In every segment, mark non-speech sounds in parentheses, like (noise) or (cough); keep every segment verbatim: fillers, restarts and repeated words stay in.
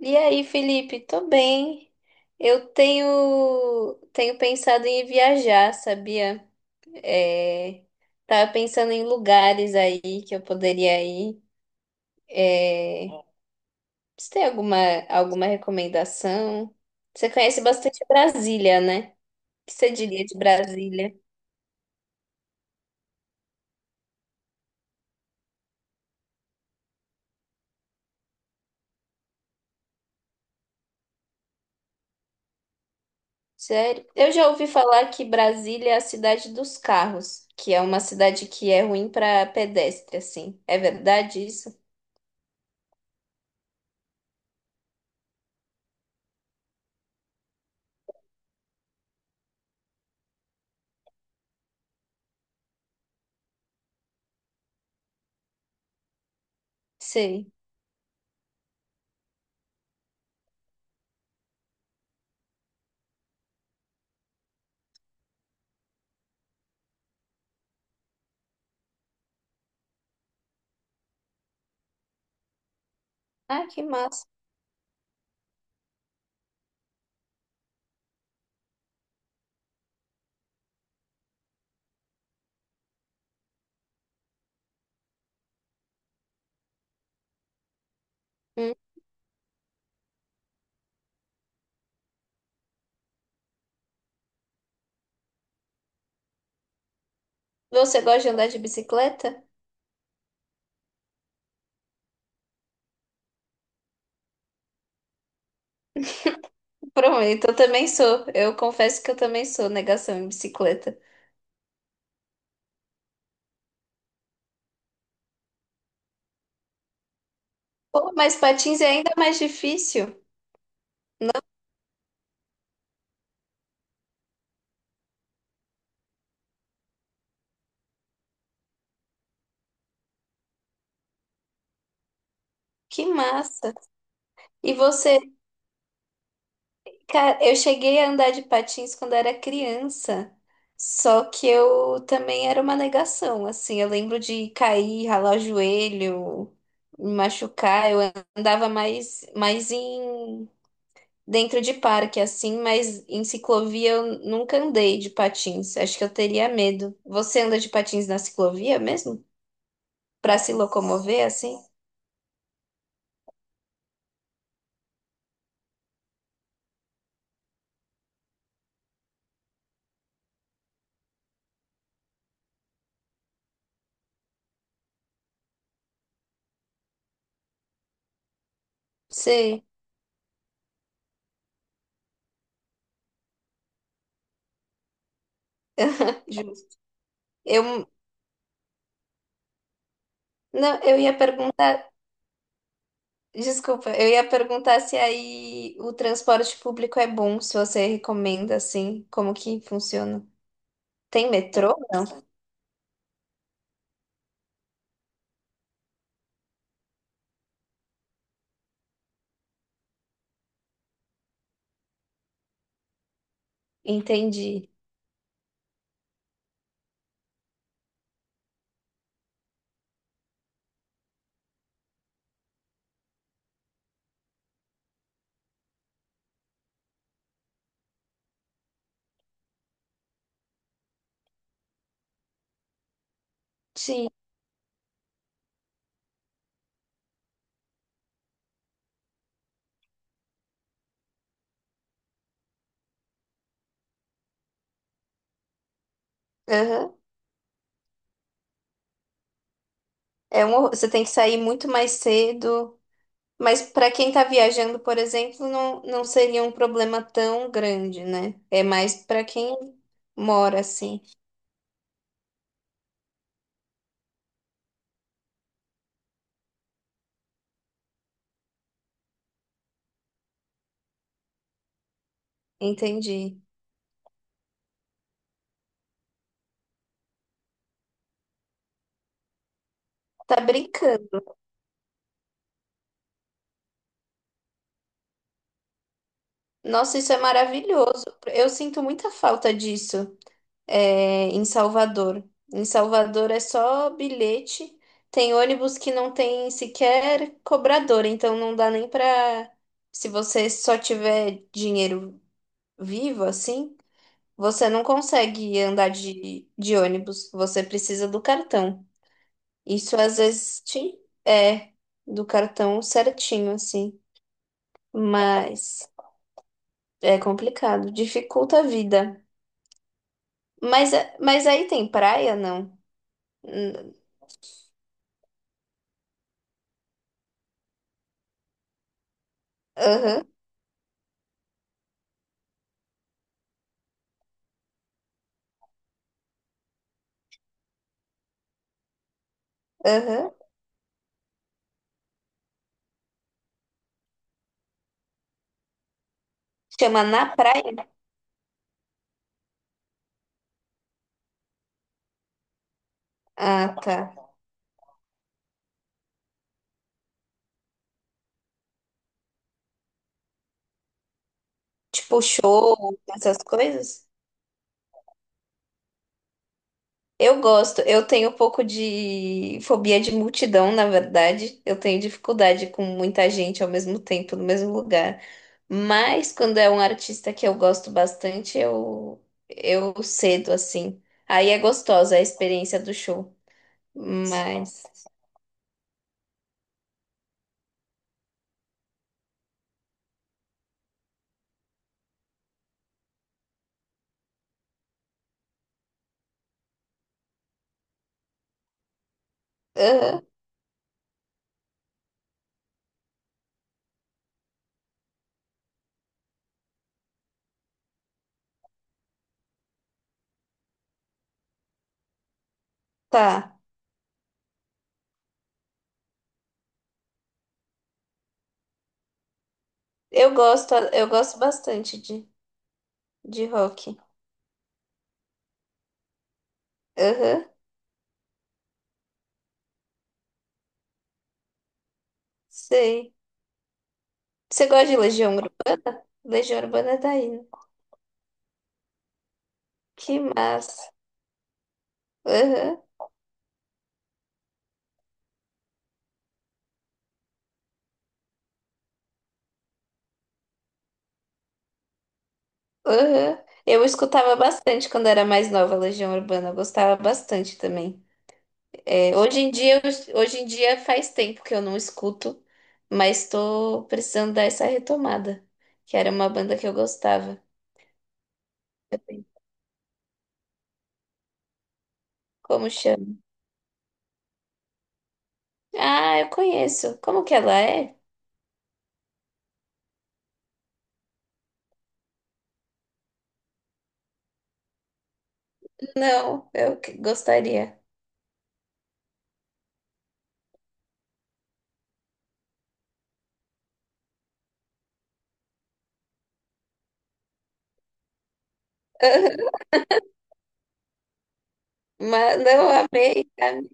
E aí, Felipe? Tô bem. Eu tenho tenho pensado em viajar, sabia? É, tava pensando em lugares aí que eu poderia ir. É, você tem alguma alguma recomendação? Você conhece bastante Brasília, né? O que você diria de Brasília? Sério? Eu já ouvi falar que Brasília é a cidade dos carros, que é uma cidade que é ruim para pedestre, assim. É verdade isso? Sim. Ah, que massa. Você gosta de andar de bicicleta? Prometo, eu também sou. Eu confesso que eu também sou negação em bicicleta. Pô, mas patins é ainda mais difícil. Que massa! E você, cara, eu cheguei a andar de patins quando era criança. Só que eu também era uma negação, assim, eu lembro de cair, ralar o joelho, me machucar. Eu andava mais mais em dentro de parque assim, mas em ciclovia eu nunca andei de patins. Acho que eu teria medo. Você anda de patins na ciclovia mesmo? Pra se locomover assim? Sei. (laughs) Justo. Eu não, eu ia perguntar, desculpa, eu ia perguntar se aí o transporte público é bom, se você recomenda assim, como que funciona? Tem metrô? Entendi. Sim. Aham. É um horror. Você tem que sair muito mais cedo. Mas para quem está viajando, por exemplo, não, não seria um problema tão grande, né? É mais para quem mora assim. Entendi. Tá brincando. Nossa, isso é maravilhoso. Eu sinto muita falta disso, é, em Salvador. Em Salvador é só bilhete. Tem ônibus que não tem sequer cobrador, então não dá nem para. Se você só tiver dinheiro vivo, assim. Você não consegue andar de, de ônibus, você precisa do cartão. Isso às vezes te- é do cartão certinho, assim, mas é complicado, dificulta a vida. Mas, é- mas aí tem praia, não? Hum, aham, aham. Chama na praia? Ah, tá. Tipo show, essas coisas? Eu gosto, eu tenho um pouco de fobia de multidão, na verdade. Eu tenho dificuldade com muita gente ao mesmo tempo, no mesmo lugar. Mas quando é um artista que eu gosto bastante, eu, eu cedo assim. Aí é gostosa a experiência do show. Mas. Aham, tá. Eu gosto, eu gosto bastante de, de rock. Aham, sei. Você gosta de Legião, Ur- Legião Urbana é daí, né? Que massa. Aham. Aham. Eu escutava bastante quando era mais nova, Legião Urbana, eu gostava bastante também. É, hoje em dia, eu- hoje em dia faz tempo que eu não escuto, mas estou precisando dar essa retomada, que era uma banda que eu gostava. Como chama? Ah, eu conheço. Como que ela é? Não, eu que- gostaria. (laughs) Mas não amei caminhando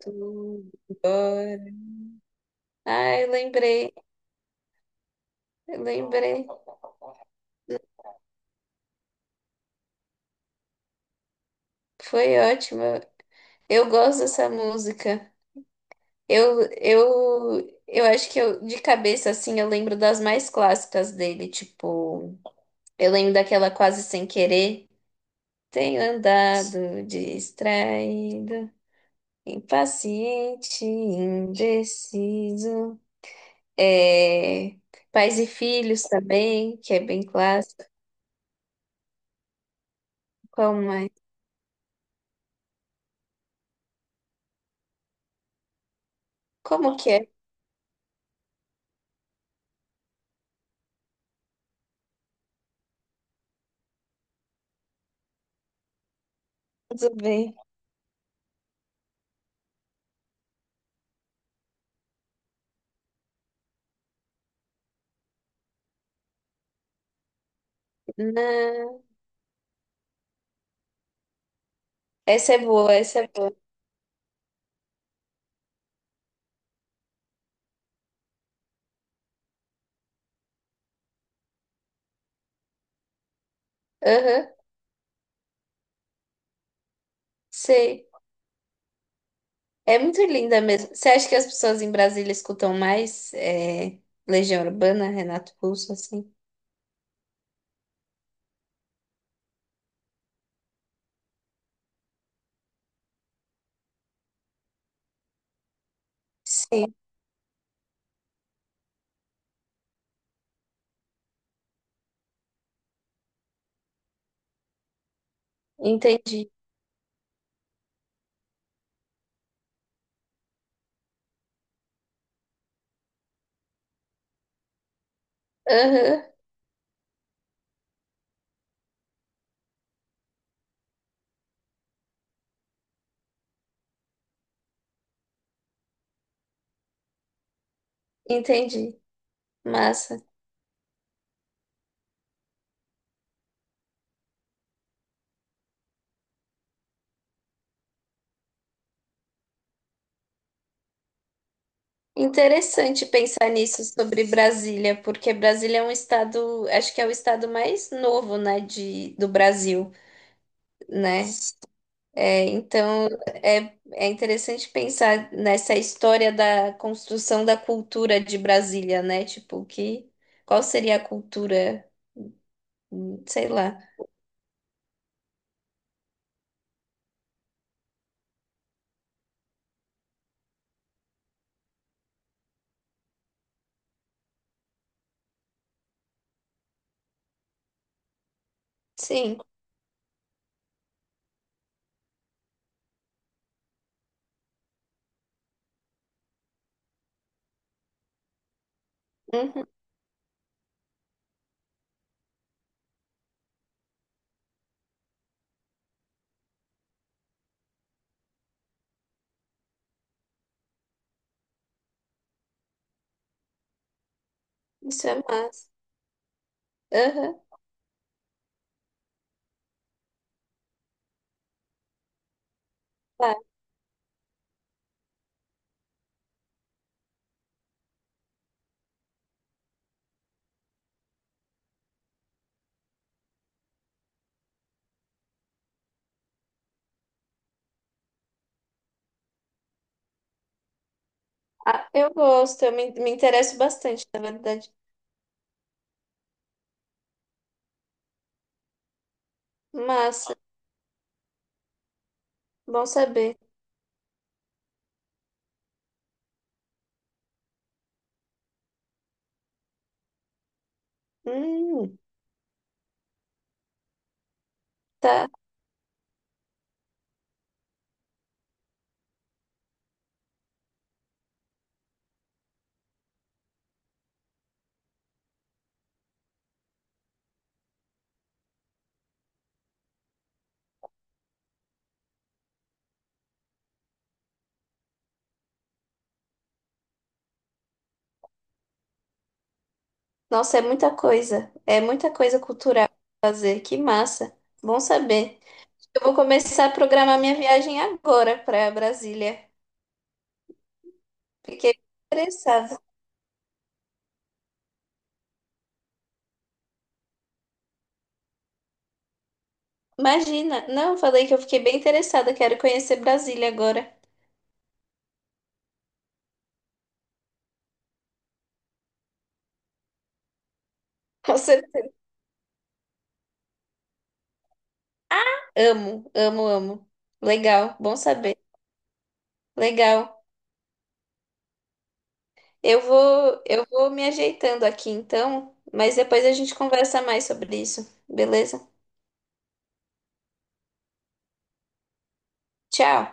tudo embora. Ai, lembrei, lembrei. Foi ótimo. Eu gosto dessa música. Eu, eu, eu acho que eu, de cabeça, assim, eu lembro das mais clássicas dele. Tipo, eu lembro daquela Quase Sem Querer. Tenho andado distraído, impaciente, indeciso. É, Pais e Filhos também, que é bem clássico. Qual mais? Como que é? Tudo bem. Não. Essa é boa, essa é boa. Aham, sei. É muito linda mesmo. Você acha que as pessoas em Brasília escutam mais é, Legião Urbana, Renato Russo, assim? Sim, entendi. Aham, entendi. Massa. Interessante pensar nisso sobre Brasília, porque Brasília é um estado, acho que é o estado mais novo, né, de, do Brasil, né? É, então, é, é interessante pensar nessa história da construção da cultura de Brasília, né? Tipo, que, qual seria a cultura? Hum, sei lá. Sim, uhum, isso é massa. Aham, tá. Ah, eu gosto, eu me, me interesso bastante, na verdade. Massa, bom saber. Hum, tá. Nossa, é muita coisa. É muita coisa cultural pra fazer. Que massa. Bom saber. Eu vou começar a programar minha viagem agora para Brasília. Fiquei interessada. Imagina, não, falei que eu fiquei bem interessada, quero conhecer Brasília agora. (laughs) Com certeza. Amo, amo, amo. Legal, bom saber. Legal. Eu vou, eu vou me ajeitando aqui então, mas depois a gente conversa mais sobre isso, beleza? Tchau.